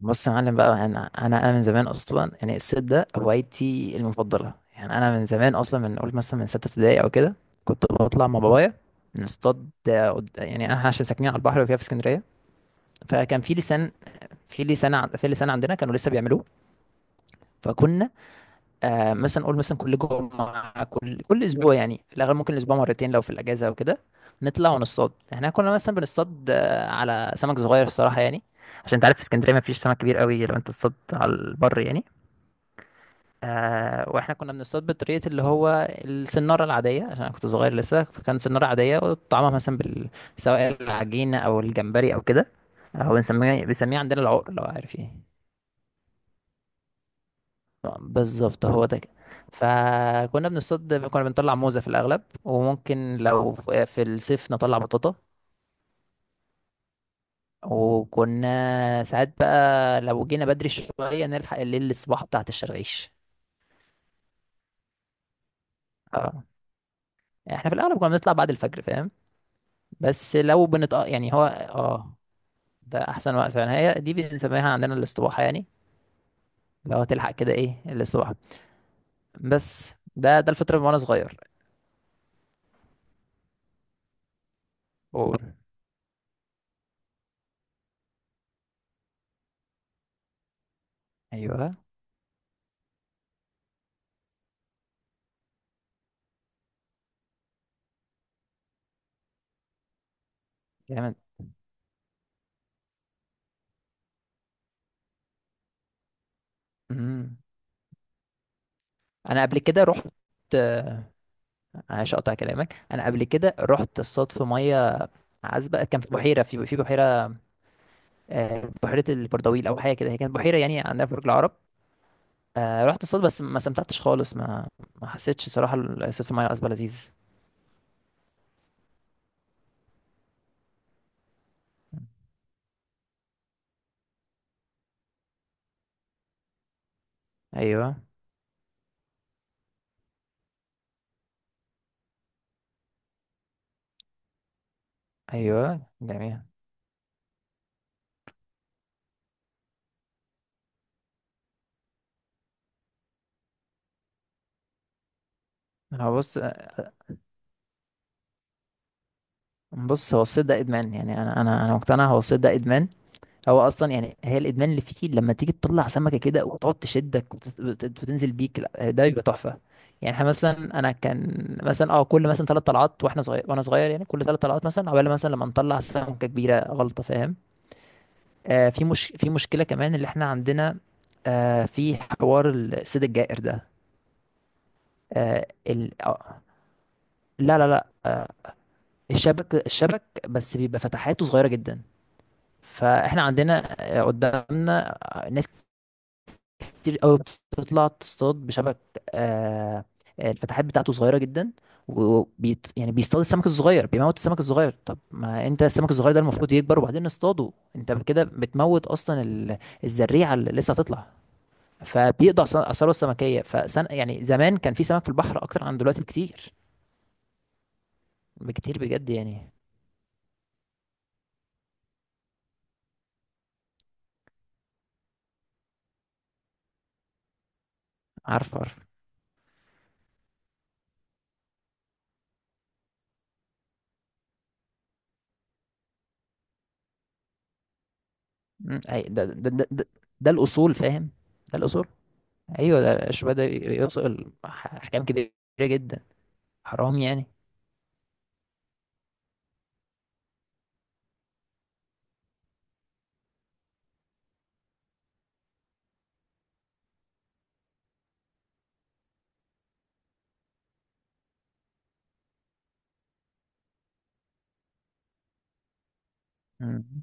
بص يا معلم بقى انا من زمان اصلا يعني الصيد ده هوايتي المفضله، يعني انا من زمان اصلا من قلت مثلا من سته ابتدائي او كده كنت بطلع مع بابايا نصطاد. يعني انا عشان ساكنين على البحر وكده في اسكندريه، فكان في لسان، في لسان عندنا كانوا لسه بيعملوه. فكنا مثلا نقول مثلا كل جمعه، كل اسبوع يعني في الاغلب ممكن الاسبوع مرتين لو في الاجازه او كده نطلع ونصطاد. احنا كنا مثلا بنصطاد على سمك صغير الصراحه، يعني عشان انت عارف في اسكندريه ما فيش سمك كبير قوي لو انت تصطاد على البر يعني. واحنا كنا بنصطاد بطريقه اللي هو السناره العاديه عشان انا كنت صغير لسه، فكان سناره عاديه وطعمها مثلا سواء العجينه او الجمبري او كده. هو بنسميه عندنا العقر، لو عارف ايه. بالظبط هو ده كده. فكنا بنصطاد، كنا بنطلع موزه في الاغلب، وممكن لو في الصيف نطلع بطاطا. وكنا ساعات بقى لو جينا بدري شويه نلحق الليل الصباح بتاعت الشرغيش. اه، احنا في الاغلب كنا بنطلع بعد الفجر فاهم، بس لو بنت يعني هو ده احسن وقت فعلا. هي دي بنسميها عندنا الاستباحه يعني، لو هتلحق كده ايه الاستباحه، بس ده الفتره من وانا صغير. قول. ايوه. جامد. أمم. انا قبل كده رحت. آه، عشان اقطع كلامك، انا قبل كده رحت اصطاد في ميه عذبه. كان في بحيره، في بحيره بحيره البردويل او حاجه كده. هي كانت بحيره يعني عندنا في برج العرب. رحت اصطاد بس ما استمتعتش خالص، ما حسيتش صراحه الصيد في الميه العذبه لذيذ. ايوه. ايوه جميل. هو بص. بص، هو الصيد ده ادمان. يعني انا مقتنع هو الصيد ده ادمان. هو اصلا يعني هي الادمان اللي فيه لما تيجي تطلع سمكه كده وتقعد تشدك وتنزل بيك لا، ده بيبقى تحفه. يعني احنا مثلا انا كان مثلا كل مثلا ثلاث طلعات، واحنا صغير وانا صغير يعني، كل ثلاث طلعات مثلا عقبال مثلا لما نطلع سمكه كبيره غلطه، فاهم. مش في مشكله كمان اللي احنا عندنا. في حوار الصيد الجائر ده. آه ال... آه لا لا لا. الشبك، الشبك بس بيبقى فتحاته صغيرة جدا. فاحنا عندنا، قدامنا ناس كتير قوي بتطلع تصطاد بشبك، آه، الفتحات بتاعته صغيرة جدا. وبيت يعني بيصطاد السمك الصغير، بيموت السمك الصغير. طب ما انت السمك الصغير ده المفروض يكبر وبعدين نصطاده، انت كده بتموت اصلا الزريعة اللي لسه هتطلع. فبيقضي على اثاره السمكية، فسن يعني زمان كان في سمك في البحر اكتر عن دلوقتي بكتير، بكتير بجد يعني. عارف، عارف. مم، أي ده الأصول فاهم. ده الأصول. أيوه ده الشباب ده يوصل أحكام كبيرة جدا. حرام يعني. مم.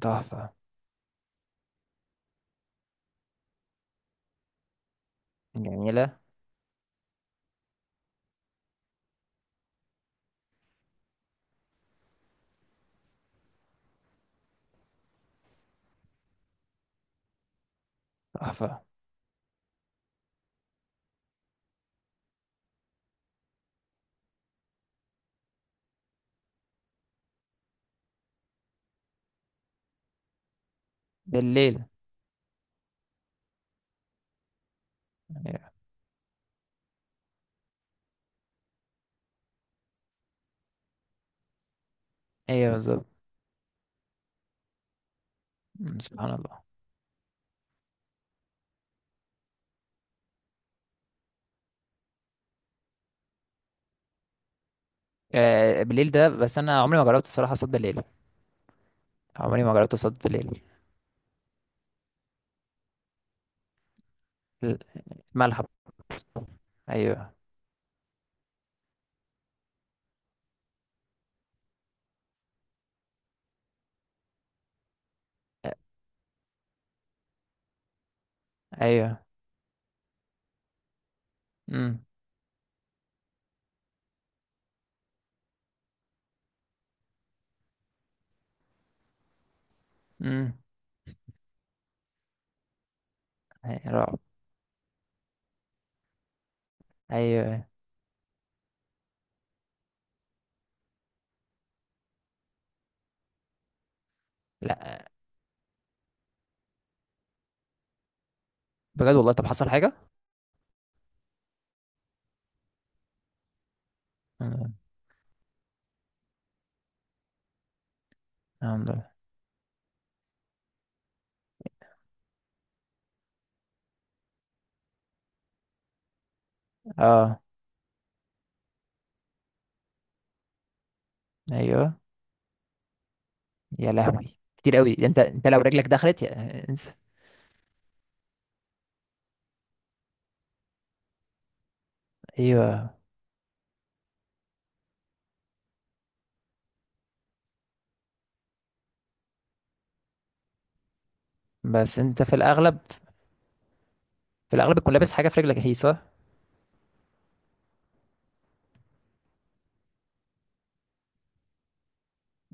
تحفة. جميلة. تحفة. بالليل. أيوه. أيوه بالظبط. مم، سبحان الله. بالليل ده، بس أنا عمري ما جربت الصراحة صد بالليل. عمري ما جربت صد بالليل. الملح. أيوه. أيوه. امم. امم. رعب. أيوه. لا، بجد والله؟ طب حصل حاجة؟ مم، الحمد لله. اه. ايوه. يا لهوي، كتير قوي ده. انت لو رجلك دخلت يا انسى. ايوه. بس انت في الاغلب تكون لابس حاجه في رجلك، هي صح.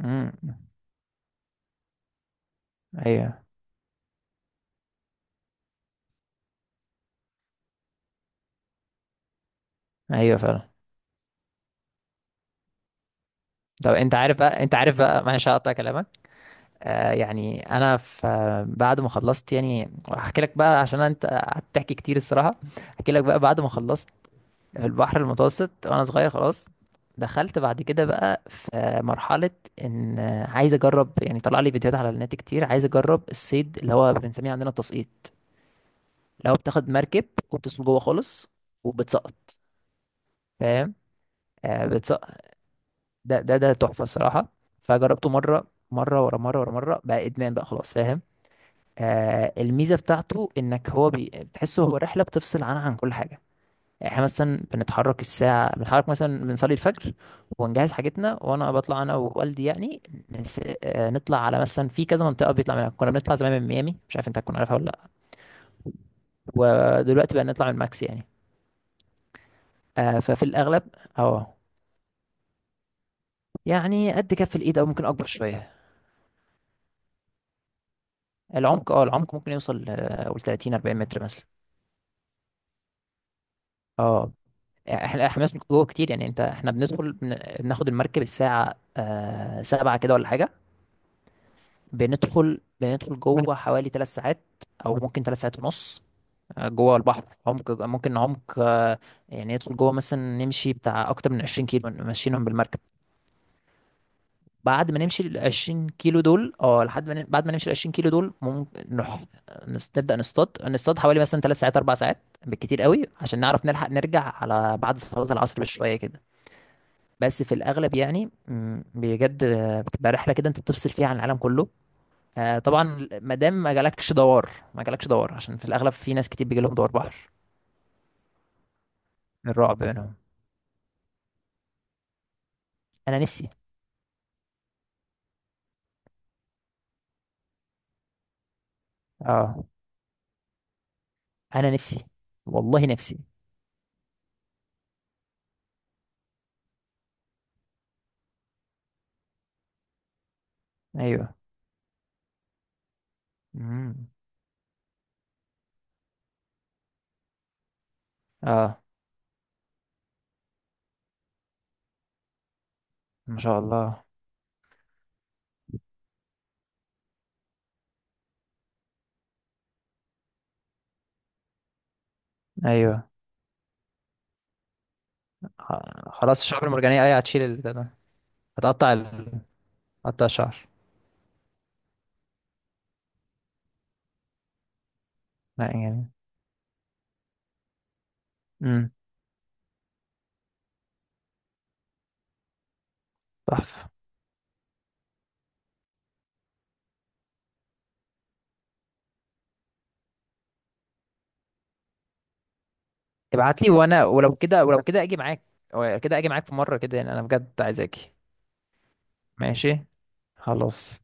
امم. ايوه. ايوه فعلا. طب انت عارف بقى، انت عارف بقى، معلش هقطع كلامك. يعني انا في بعد ما خلصت يعني هحكي لك بقى، عشان انت قعدت تحكي كتير الصراحه، هحكي لك بقى بعد ما خلصت في البحر المتوسط وانا صغير خلاص. دخلت بعد كده بقى في مرحلة ان عايز اجرب يعني، طلع لي فيديوهات على النت كتير، عايز اجرب الصيد اللي هو بنسميه عندنا التسقيط، اللي هو بتاخد مركب وبتدخل جوه خالص وبتسقط فاهم. بتسقط. ده تحفة الصراحة. فجربته مرة ورا مرة ورا مرة، بقى ادمان بقى خلاص فاهم. الميزة بتاعته انك هو بتحسه هو رحلة بتفصل عنها عن كل حاجة. يعني احنا مثلا بنتحرك مثلا، بنصلي الفجر ونجهز حاجتنا وانا بطلع انا ووالدي يعني. نس... آه، نطلع على مثلا في كذا منطقة بيطلع منها. كنا بنطلع زمان من ميامي، مش عارف انت هتكون عارفها ولا لا، ودلوقتي بقى نطلع من ماكس يعني. ففي الاغلب اه يعني قد كف الايد او ممكن اكبر شوية. العمق، ممكن يوصل قول 30 40 متر مثلا. اه. احنا بندخل جوه كتير يعني، انت احنا بناخد المركب الساعة سبعة كده ولا حاجة. بندخل جوه حوالي ثلاث ساعات او ممكن ثلاث ساعات ونص. جوه البحر، عمق يعني ندخل جوه مثلا، نمشي بتاع اكتر من 20 كيلو ماشيينهم بالمركب. بعد ما نمشي ال 20 كيلو دول، اه لحد ما ن- بعد ما نمشي ال 20 كيلو دول ممكن نروح نبدا نصطاد حوالي مثلا ثلاث ساعات اربع ساعات بالكتير قوي، عشان نعرف نلحق نرجع على بعد صلاه العصر بشويه كده. بس في الاغلب يعني، بجد بتبقى رحله كده انت بتفصل فيها عن العالم كله. طبعا ما دام ما جالكش دوار، ما جالكش دوار، عشان في الاغلب في ناس كتير بيجي لهم دوار بحر. من الرعب منهم. انا نفسي. اه انا نفسي، والله نفسي. ايوه. امم. اه. ما شاء الله. ايوه. خلاص الشعب المرجانيه، ايوه هتشيل ال- ده ده. هتقطع ال... هتقطع الشعر. لا يعني. امم. تحفه. ابعت لي، وانا ولو كده، ولو كده اجي معاك. ولو كده اجي معاك في مره كده يعني، انا بجد عايز اجي. ماشي. خلاص.